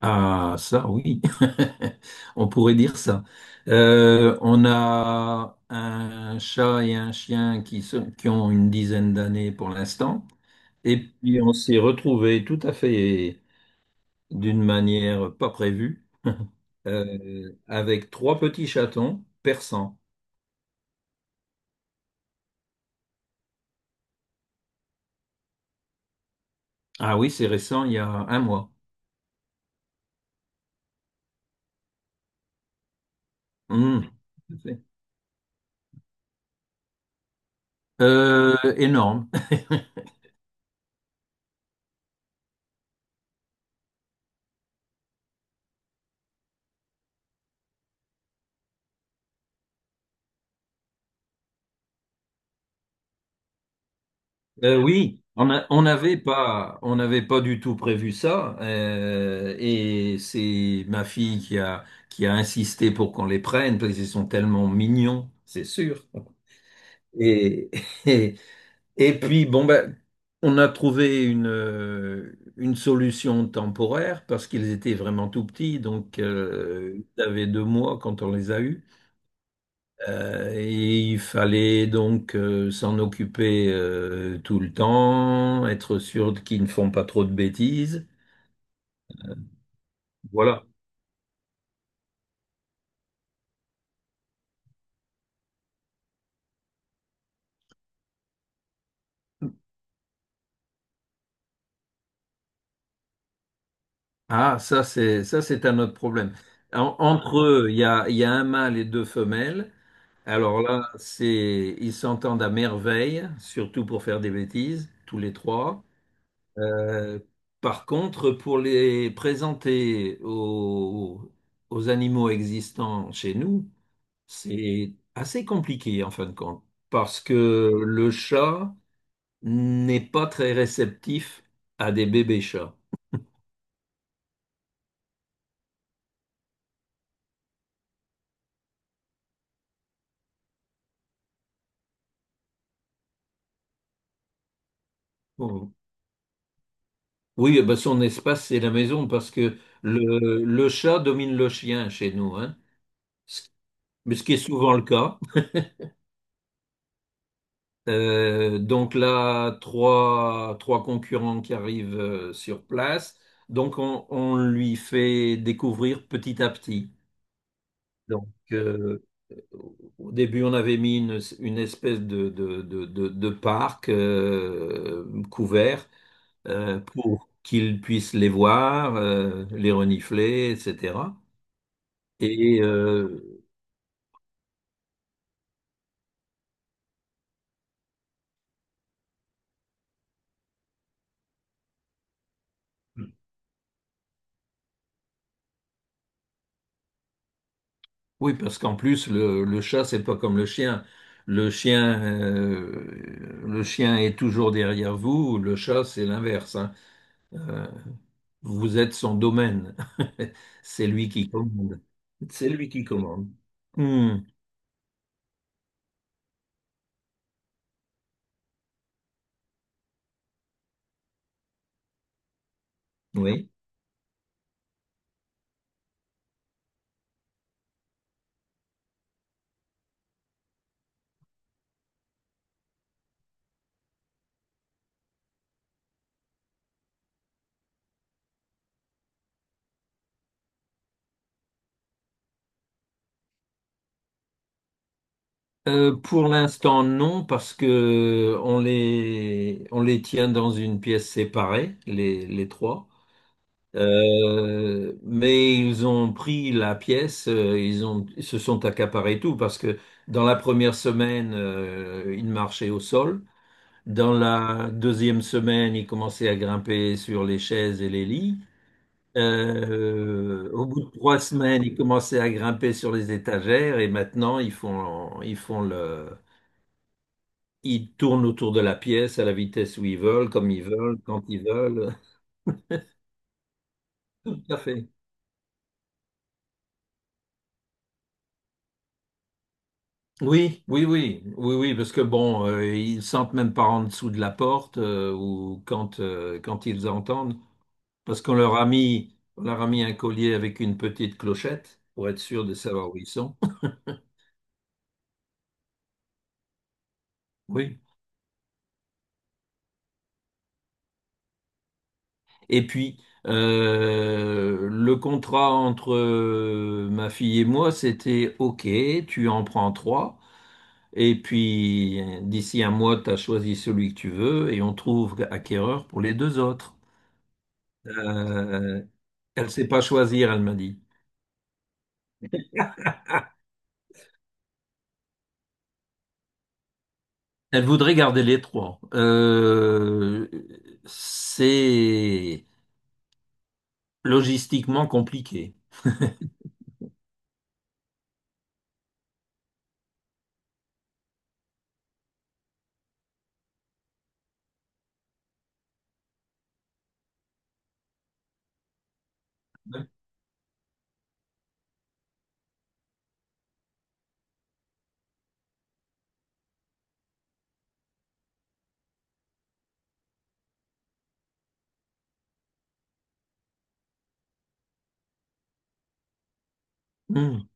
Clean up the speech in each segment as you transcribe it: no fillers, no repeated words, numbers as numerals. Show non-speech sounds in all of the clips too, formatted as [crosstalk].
Ah, ça, oui, [laughs] on pourrait dire ça. On a un chat et un chien qui ont une dizaine d'années pour l'instant, et puis on s'est retrouvés tout à fait d'une manière pas prévue, [laughs] avec trois petits chatons persans. Ah oui, c'est récent, il y a un mois. Hum. Énorme. [laughs] Oui, on n'avait pas du tout prévu ça, et c'est ma fille qui a insisté pour qu'on les prenne parce qu'ils sont tellement mignons, c'est sûr. Et, [laughs] et, et puis bon ben, on a trouvé une solution temporaire parce qu'ils étaient vraiment tout petits, donc ils avaient deux mois quand on les a eus. Et il fallait donc s'en occuper tout le temps, être sûr qu'ils ne font pas trop de bêtises. Voilà. Ah, ça c'est un autre problème. En- entre eux, il y a un mâle et deux femelles. Alors là, c'est ils s'entendent à merveille, surtout pour faire des bêtises, tous les trois. Euh, Par contre, pour les présenter aux animaux existants chez nous, c'est assez compliqué en fin de compte, parce que le chat n'est pas très réceptif à des bébés chats. Bon. Oui, eh ben, son espace, c'est la maison, parce que le chat domine le chien chez nous, hein. Ce mais ce qui est souvent le cas. Donc là, trois concurrents qui arrivent sur place, donc on lui fait découvrir petit à petit. Donc, au début, on avait mis une espèce de parc couvert pour qu'ils puissent les voir, les renifler, etc. Et oui, parce qu'en plus, le chat, c'est pas comme le chien. Le chien, le chien est toujours derrière vous. Le chat, c'est l'inverse, hein. Euh, Vous êtes son domaine. [laughs] C'est lui qui commande. C'est lui qui commande. Hmm, oui. Pour l'instant, non, parce que on les tient dans une pièce séparée, les trois. Mais ils ont pris la pièce, ils se sont accaparés tout, parce que dans la première semaine, ils marchaient au sol. Dans la deuxième semaine, ils commençaient à grimper sur les chaises et les lits. Au bout de trois semaines, ils commençaient à grimper sur les étagères et maintenant ils tournent autour de la pièce à la vitesse où ils veulent, comme ils veulent, quand ils veulent. [laughs] Tout à fait. Oui, oui, oui, oui, oui, parce que bon, ils sentent même pas en dessous de la porte ou quand quand ils entendent, parce qu'on leur a mis on leur a mis un collier avec une petite clochette pour être sûr de savoir où ils sont. Oui. Et puis le contrat entre ma fille et moi, c'était OK, tu en prends trois. Et puis, d'ici un mois, tu as choisi celui que tu veux et on trouve acquéreur pour les deux autres. Euh, elle ne sait pas choisir, elle m'a dit. Elle voudrait garder les trois. C'est logistiquement compliqué. Hmm.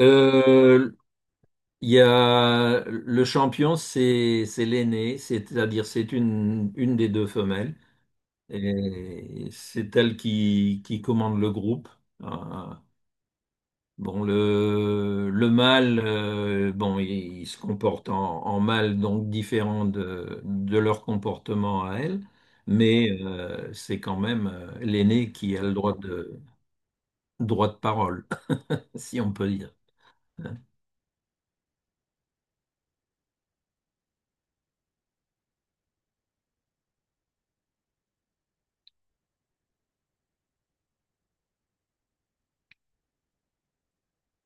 Euh, il y a le champion, c'est l'aîné, c'est-à-dire c'est une des deux femelles. Et c'est elle qui commande le groupe. Euh, Bon, le mâle, bon, il se comporte en mâle, donc différent de leur comportement à elle, mais c'est quand même l'aîné qui a le droit de parole, [laughs] si on peut dire.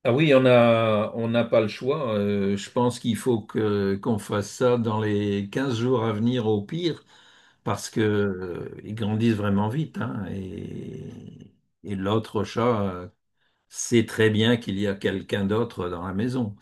Ah oui, on n'a pas le choix. Euh, je pense qu'il faut qu'on fasse ça dans les 15 jours à venir au pire, parce que, ils grandissent vraiment vite, hein, et l'autre chat sait très bien qu'il y a quelqu'un d'autre dans la maison.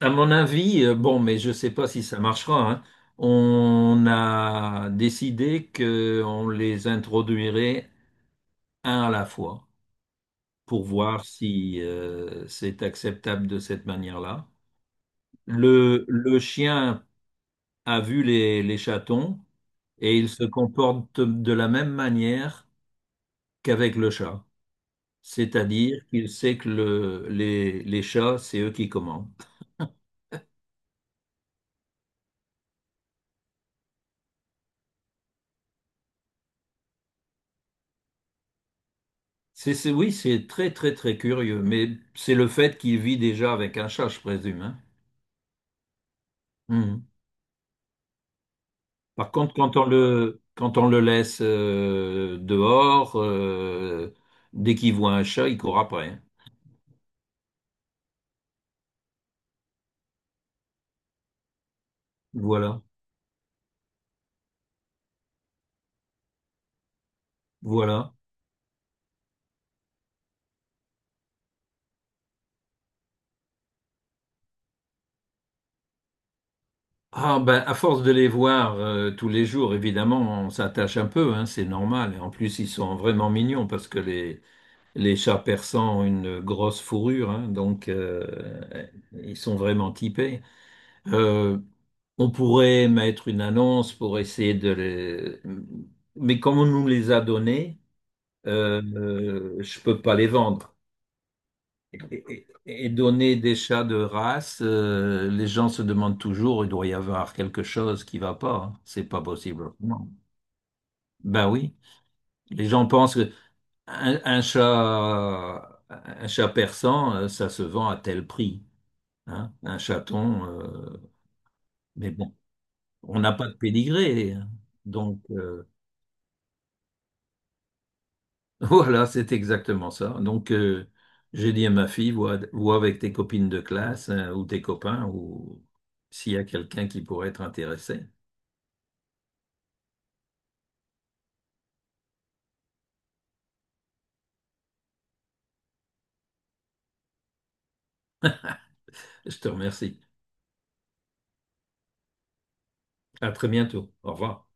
À mon avis, bon, mais je ne sais pas si ça marchera, hein, on a décidé qu'on les introduirait un à la fois pour voir si c'est acceptable de cette manière-là. Le chien a vu les chatons et il se comporte de la même manière qu'avec le chat. C'est-à-dire qu'il sait que les chats, c'est eux qui commandent. C'est oui, c'est très, très, très curieux, mais c'est le fait qu'il vit déjà avec un chat, je présume, hein. Mhm. Par contre, quand on le laisse dehors, dès qu'il voit un chat, il court après, hein. Voilà, voilà. Ah ben, à force de les voir tous les jours, évidemment, on s'attache un peu, hein, c'est normal. Et en plus, ils sont vraiment mignons parce que les chats persans ont une grosse fourrure, hein, donc ils sont vraiment typés. Euh, On pourrait mettre une annonce pour essayer de les... Mais comme on nous les a donnés, euh, je peux pas les vendre. Et, et donner des chats de race, les gens se demandent toujours, il doit y avoir quelque chose qui va pas, hein. C'est pas possible. Non. Ben oui, les gens pensent que un chat persan, ça se vend à tel prix, hein. Un chaton, mais bon, on n'a pas de pédigré, hein, donc, [laughs] voilà, c'est exactement ça. Donc, j'ai dit à ma fille, vois avec tes copines de classe hein, ou tes copains ou s'il y a quelqu'un qui pourrait être intéressé. Je te remercie. À très bientôt. Au revoir.